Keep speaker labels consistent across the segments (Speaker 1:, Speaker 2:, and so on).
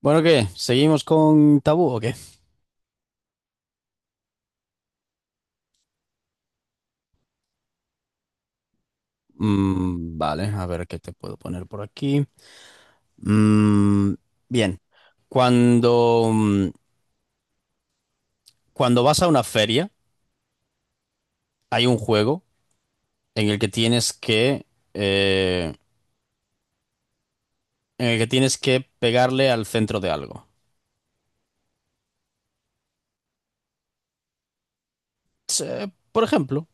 Speaker 1: Bueno, ¿qué? ¿Seguimos con tabú o qué? Vale, a ver qué te puedo poner por aquí. Mm, Bien, cuando, mm, cuando vas a una feria, hay un juego en el que eh, en el que tienes que pegarle al centro de algo. Por ejemplo,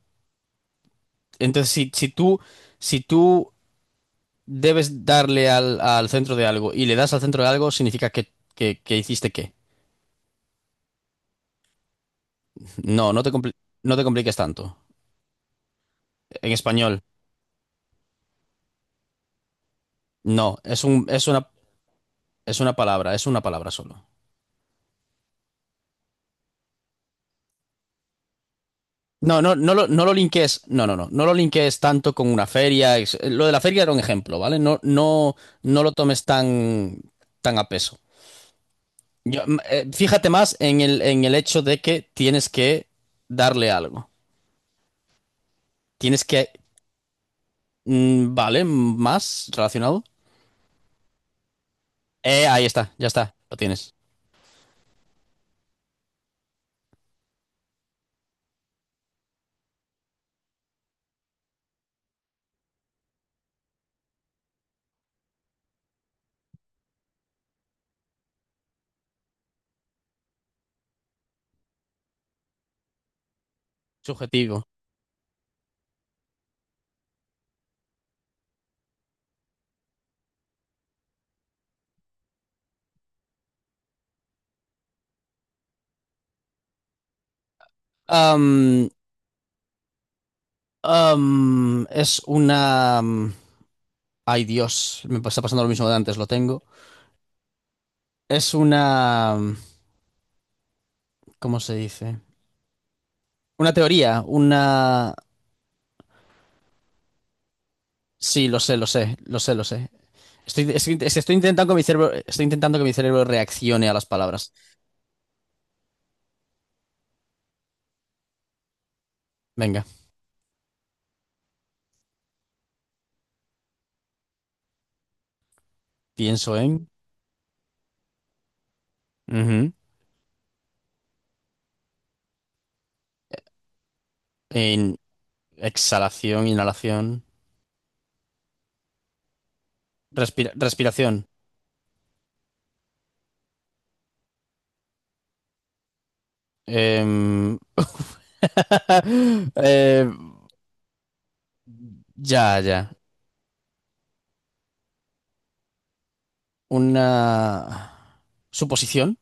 Speaker 1: entonces si tú, si tú debes darle al centro de algo y le das al centro de algo, significa que hiciste qué. No, no te compliques tanto. En español. No, es un, es una palabra solo. No, no, no lo linkees, no, no, no, no lo linkees tanto con una feria. Lo de la feria era un ejemplo, ¿vale? No, no, no lo tomes tan, tan a peso. Yo, fíjate más en en el hecho de que tienes que darle algo. Tienes que, mm, ¿vale? Más relacionado. Ahí está, ya está, lo tienes. Subjetivo. Am, es una... mm, Ay, Dios, me está pasando lo mismo de antes, lo tengo. Es una... ¿Cómo se dice? Una teoría, una... Sí, lo sé, lo sé, lo sé, lo sé. Estoy intentando que mi cerebro, estoy intentando que mi cerebro reaccione a las palabras. Venga, pienso en... Ujú. En exhalación, inhalación, respiración. Em, eh, ya, ya. Una suposición.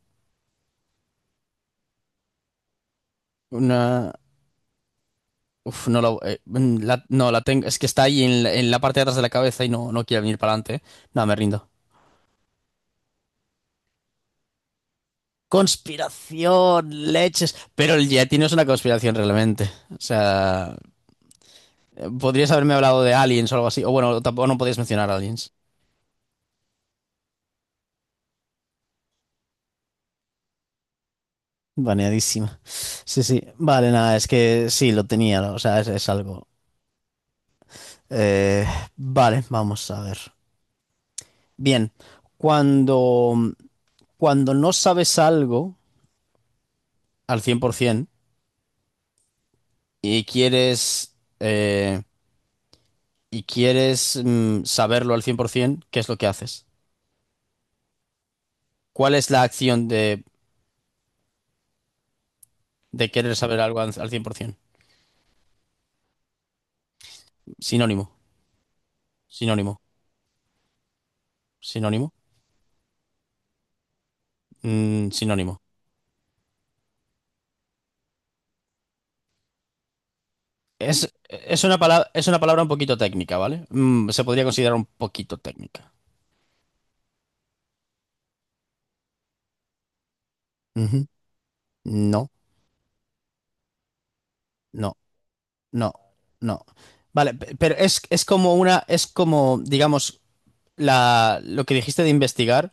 Speaker 1: Una. Uf, no la tengo. Es que está ahí en en la parte de atrás de la cabeza y no, no quiere venir para adelante. No, me rindo. Conspiración, leches. Pero el Yeti no es una conspiración realmente. O sea, podrías haberme hablado de aliens o algo así. O bueno, tampoco no podías mencionar aliens. Baneadísima. Sí, sí. Vale, nada, es que sí, lo tenía. ¿No? O sea, es algo. Eh, vale, vamos a ver. Bien, cuando, cuando no sabes algo al 100%, y quieres, eh, y quieres saberlo al 100%, ¿qué es lo que haces? ¿Cuál es la acción de querer saber algo al 100%? Sinónimo, sinónimo, sinónimo, mm, sinónimo. Es una palabra un poquito técnica, ¿vale? Mm, se podría considerar un poquito técnica. Ujú. No, no, no, no. Vale, pero es como una, es como, digamos, la, lo que dijiste de investigar.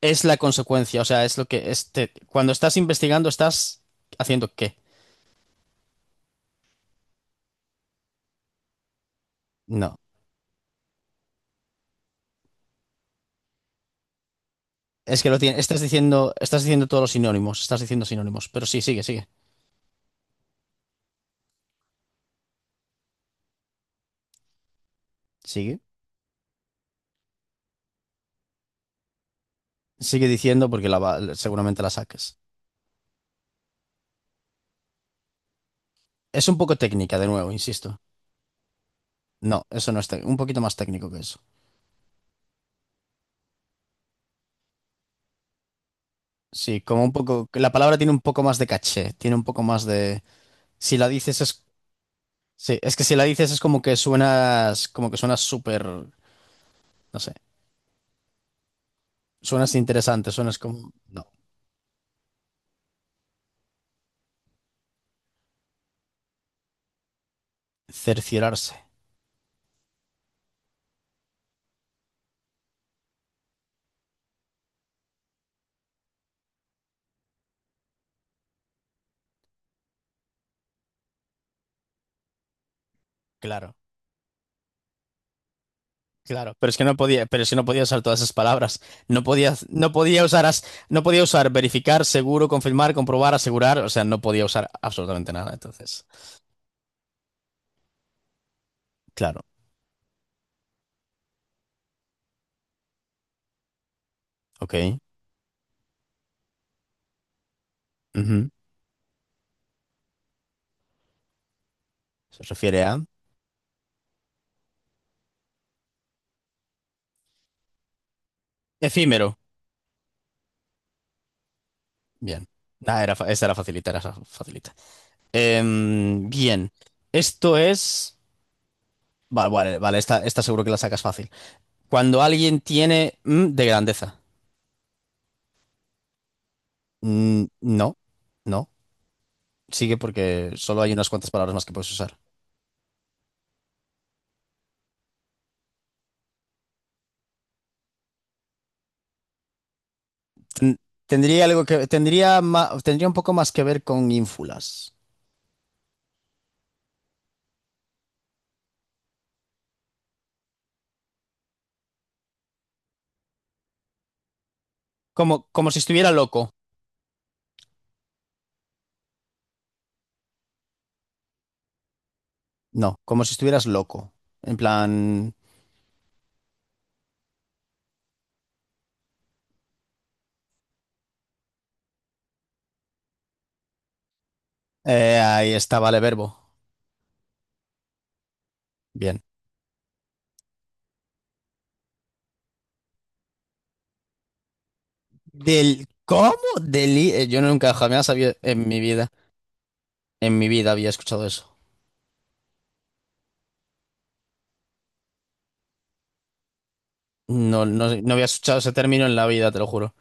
Speaker 1: Es la consecuencia, o sea, es lo que este, cuando estás investigando estás haciendo qué? No, es que lo tienes estás diciendo todos los sinónimos, estás diciendo sinónimos, pero sí, sigue, sigue, sigue, diciendo porque seguramente la saques. Es un poco técnica, de nuevo, insisto. No, eso no es técnico, un poquito más técnico que eso. Sí, como un poco, la palabra tiene un poco más de caché, tiene un poco más de, si la dices es, sí, es que si la dices es como que suenas súper, no sé, suenas interesante, suenas como, no. Cerciorarse, claro, claro. Pero es que no podía, pero es que no podía usar todas esas palabras. No podía, no podía usar verificar, seguro, confirmar, comprobar, asegurar. O sea, no podía usar absolutamente nada. Entonces, claro, ok. Ujú. Se refiere a efímero. Bien. Ah, era, esa era facilita, era facilita. Em, bien. Esto es. Vale, vale, vale, esta seguro que la sacas fácil. Cuando alguien tiene mm, de grandeza. Mm, no, no. Sigue porque solo hay unas cuantas palabras más que puedes usar. Ten- Tendría algo que tendría un poco más que ver con ínfulas. Como como si estuviera loco. No, como si estuvieras loco. En plan, ahí está, vale, verbo. Bien. Del ¿cómo? Deli yo nunca jamás había en mi vida había escuchado eso. No, no, no había escuchado ese término en la vida, te lo juro.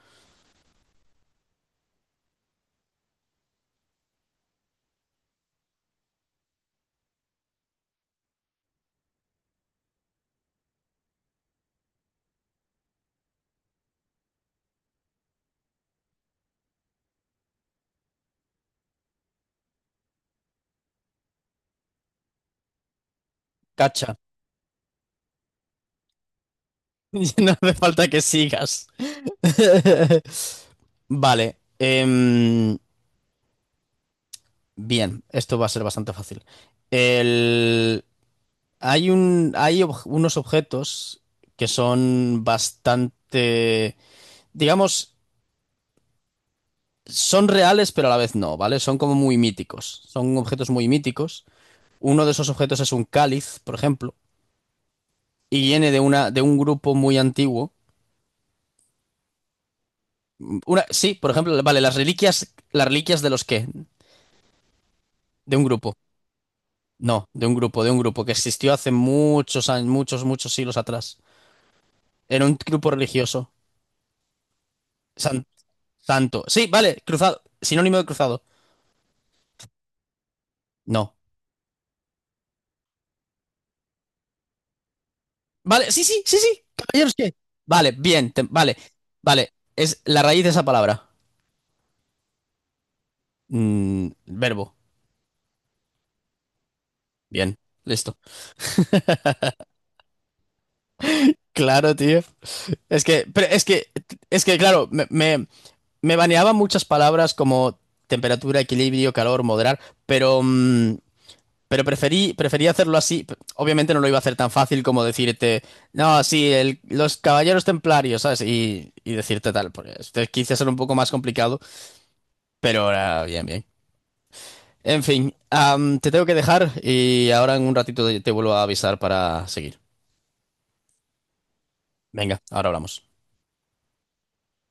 Speaker 1: Cacha. No hace falta que sigas. Vale. Bien, esto va a ser bastante fácil. El- Hay un... Hay unos objetos que son bastante, digamos, son reales, pero a la vez no, ¿vale? Son como muy míticos. Son objetos muy míticos. Uno de esos objetos es un cáliz, por ejemplo, y viene de una, de un grupo muy antiguo. Una, sí, por ejemplo, vale, las reliquias de los qué, de un grupo. No, de un grupo que existió hace muchos años, muchos, muchos siglos atrás. Era un grupo religioso. San- santo. Sí, vale, cruzado. Sinónimo de cruzado. No. Vale, sí, sí, sí, sí. Caballeros que. Vale, vale. Vale, es la raíz de esa palabra. Mm, verbo. Bien, listo. Claro, tío. Es que, pero es que, claro, me baneaba muchas palabras como temperatura, equilibrio, calor, moderar, pero mm, pero preferí, preferí hacerlo así. Obviamente no lo iba a hacer tan fácil como decirte, no, sí, los caballeros templarios, ¿sabes? Y decirte tal. Porque este quise hacer un poco más complicado, pero ahora bien, bien. En fin, am, te tengo que dejar y ahora en un ratito te vuelvo a avisar para seguir. Venga, ahora hablamos.